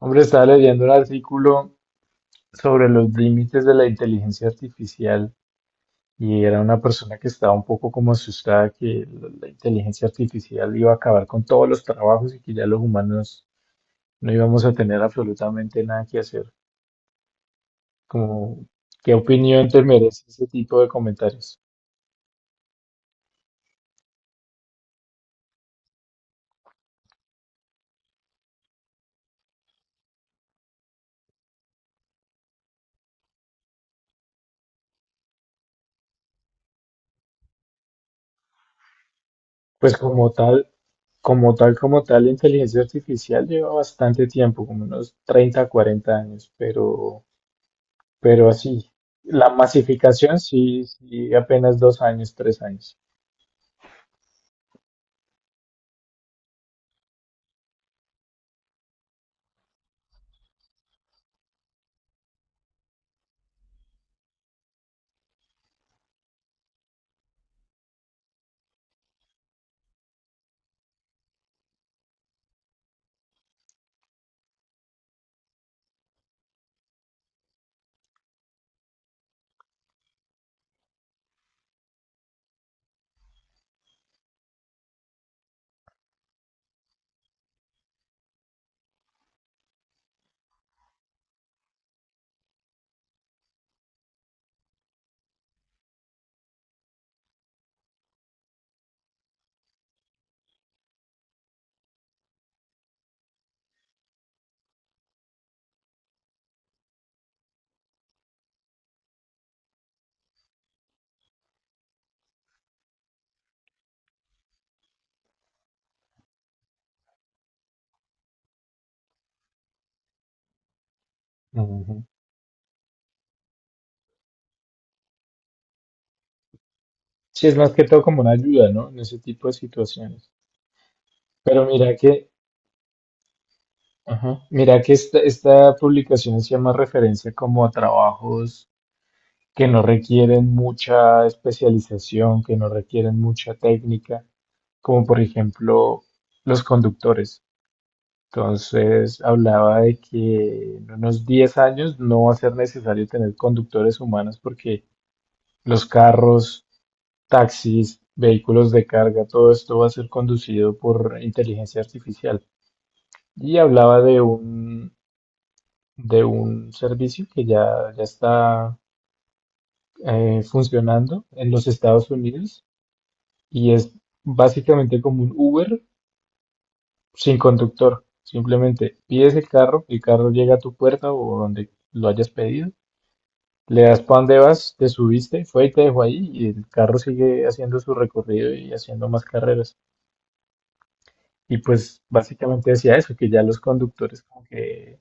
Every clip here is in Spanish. Hombre, estaba leyendo un artículo sobre los límites de la inteligencia artificial y era una persona que estaba un poco como asustada que la inteligencia artificial iba a acabar con todos los trabajos y que ya los humanos no íbamos a tener absolutamente nada que hacer. Como, ¿qué opinión te merece ese tipo de comentarios? Pues como tal, la inteligencia artificial lleva bastante tiempo, como unos 30, 40 años, pero... Pero así la masificación sí, sí, apenas 2 años, 3 años. Ujú. Sí, es más que todo como una ayuda, ¿no? En ese tipo de situaciones. Pero mira que, ajá, mira que esta publicación hacía más referencia como a trabajos que no requieren mucha especialización, que no requieren mucha técnica, como por ejemplo los conductores. Entonces hablaba de que en unos 10 años no va a ser necesario tener conductores humanos porque los carros, taxis, vehículos de carga, todo esto va a ser conducido por inteligencia artificial. Y hablaba de un servicio que ya está funcionando en los Estados Unidos y es básicamente como un Uber sin conductor. Simplemente pides el carro llega a tu puerta o donde lo hayas pedido, le das para dónde vas, te subiste, fue y te dejó ahí y el carro sigue haciendo su recorrido y haciendo más carreras. Y pues básicamente decía eso, que ya los conductores como que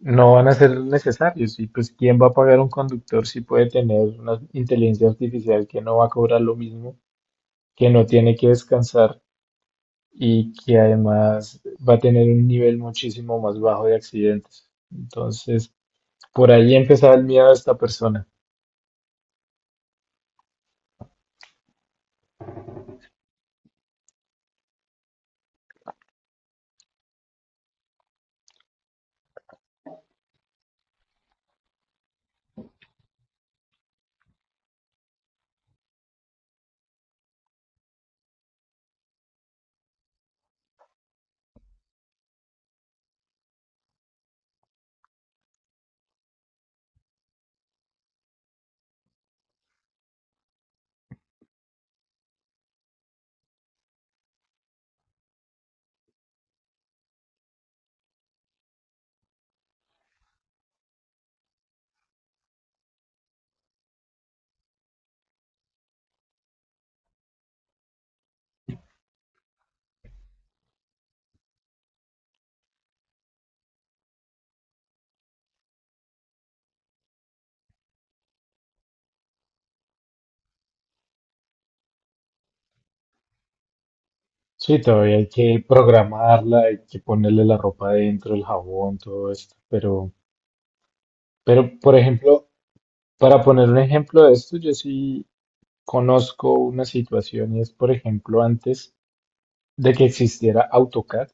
no van a ser necesarios. Y pues, ¿quién va a pagar un conductor si puede tener una inteligencia artificial que no va a cobrar lo mismo, que no tiene que descansar y que además va a tener un nivel muchísimo más bajo de accidentes? Entonces, por ahí empezaba el miedo de esta persona. Sí, todavía hay que programarla, hay que ponerle la ropa adentro, el jabón, todo esto. Pero, por ejemplo, para poner un ejemplo de esto, yo sí conozco una situación y es, por ejemplo, antes de que existiera AutoCAD,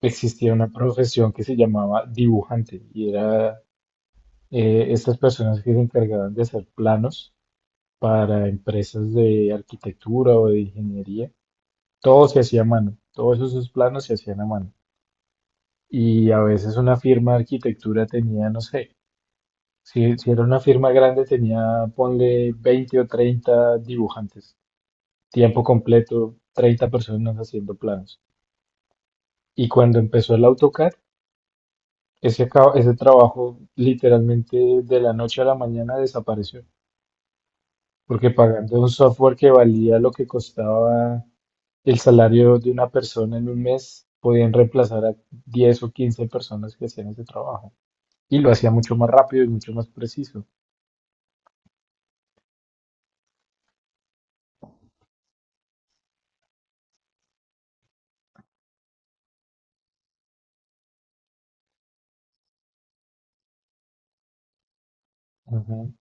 existía una profesión que se llamaba dibujante y era estas personas que se encargaban de hacer planos para empresas de arquitectura o de ingeniería. Todo se hacía a mano, todos esos planos se hacían a mano. Y a veces una firma de arquitectura tenía, no sé, si era una firma grande tenía, ponle 20 o 30 dibujantes, tiempo completo, 30 personas haciendo planos. Y cuando empezó el AutoCAD, ese trabajo literalmente de la noche a la mañana desapareció, porque pagando un software que valía lo que costaba el salario de una persona en un mes, podían reemplazar a 10 o 15 personas que hacían ese trabajo. Y lo hacía mucho más rápido y mucho más preciso. Ujú.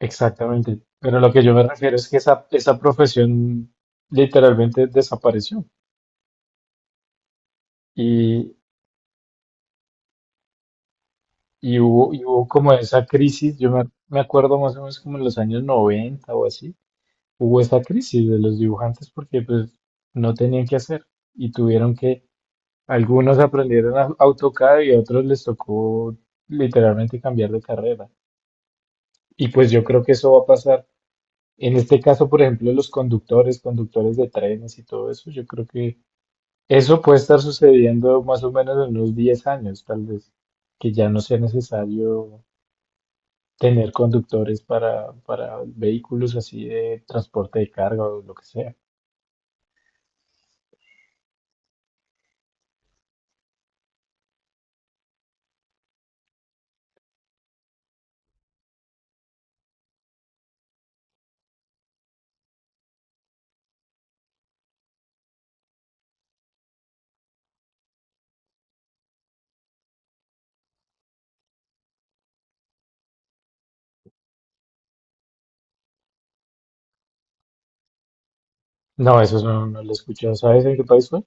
Exactamente. Pero lo que yo me refiero es que esa profesión literalmente desapareció. Y hubo como esa crisis, me acuerdo más o menos como en los años 90 o así, hubo esa crisis de los dibujantes porque pues no tenían qué hacer y tuvieron que, algunos aprendieron a AutoCAD y a otros les tocó literalmente cambiar de carrera. Y pues yo creo que eso va a pasar. En este caso, por ejemplo, los conductores, conductores de trenes y todo eso, yo creo que eso puede estar sucediendo más o menos en unos 10 años, tal vez, que ya no sea necesario tener conductores para, vehículos así de transporte de carga o lo que sea. No, eso no, no lo he escuchado. ¿Sabes en qué país fue?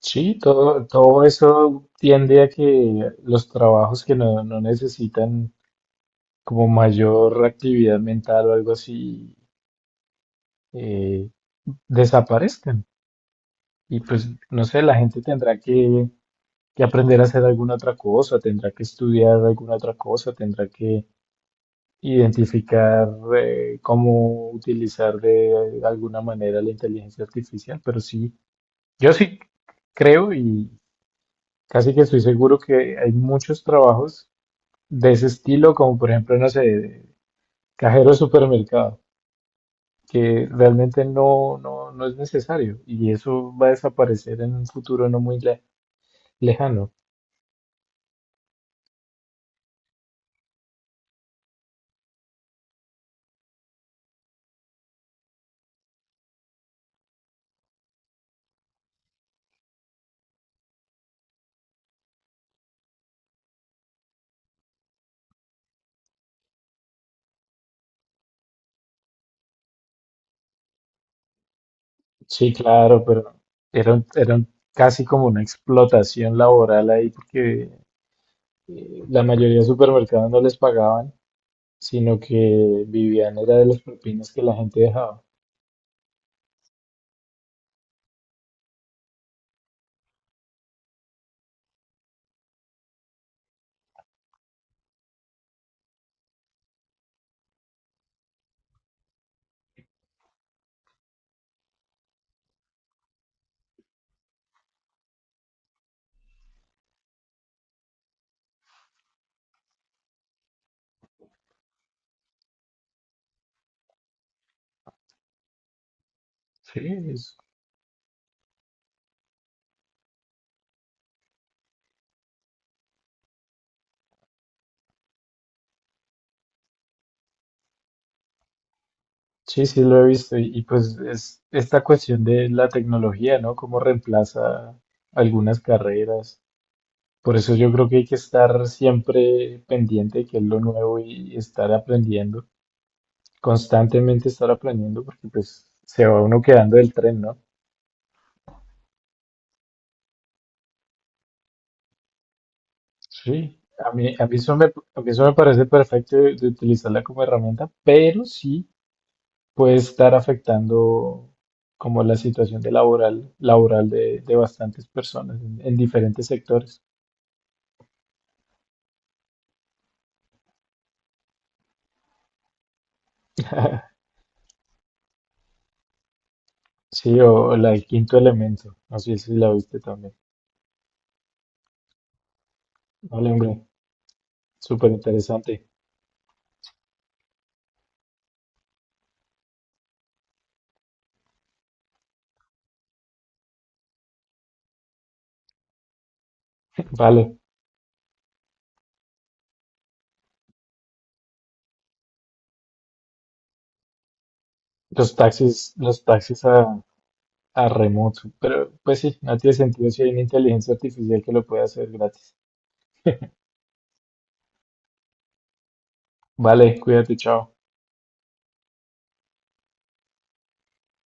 Sí, todo eso tiende a que los trabajos que no necesitan como mayor actividad mental o algo así eh, desaparezcan. Y pues, no sé, la gente tendrá que aprender a hacer alguna otra cosa, tendrá que estudiar alguna otra cosa, tendrá que identificar cómo utilizar de alguna manera la inteligencia artificial, pero sí, yo sí creo y casi que estoy seguro que hay muchos trabajos de ese estilo, como por ejemplo, no sé, cajero de supermercado, que realmente no es necesario y eso va a desaparecer en un futuro no muy lejano. Sí, claro, pero era casi como una explotación laboral ahí porque la mayoría de supermercados no les pagaban, sino que vivían era de las propinas que la gente dejaba. Sí, es- sí, sí lo he visto y, pues es esta cuestión de la tecnología, ¿no? Cómo reemplaza algunas carreras. Por eso yo creo que hay que estar siempre pendiente de qué es lo nuevo y estar aprendiendo, constantemente estar aprendiendo porque pues se va uno quedando del tren, ¿no? Sí. A mí, a mí eso me, a mí eso me parece perfecto de utilizarla como herramienta, pero sí puede estar afectando como la situación de laboral de bastantes personas en diferentes sectores. Sí, o la del quinto elemento, no sé si la viste también. Vale, hombre, súper interesante. Vale, los taxis a remoto, pero pues sí, no tiene sentido si hay una inteligencia artificial que lo puede hacer gratis. Vale, cuídate, chao.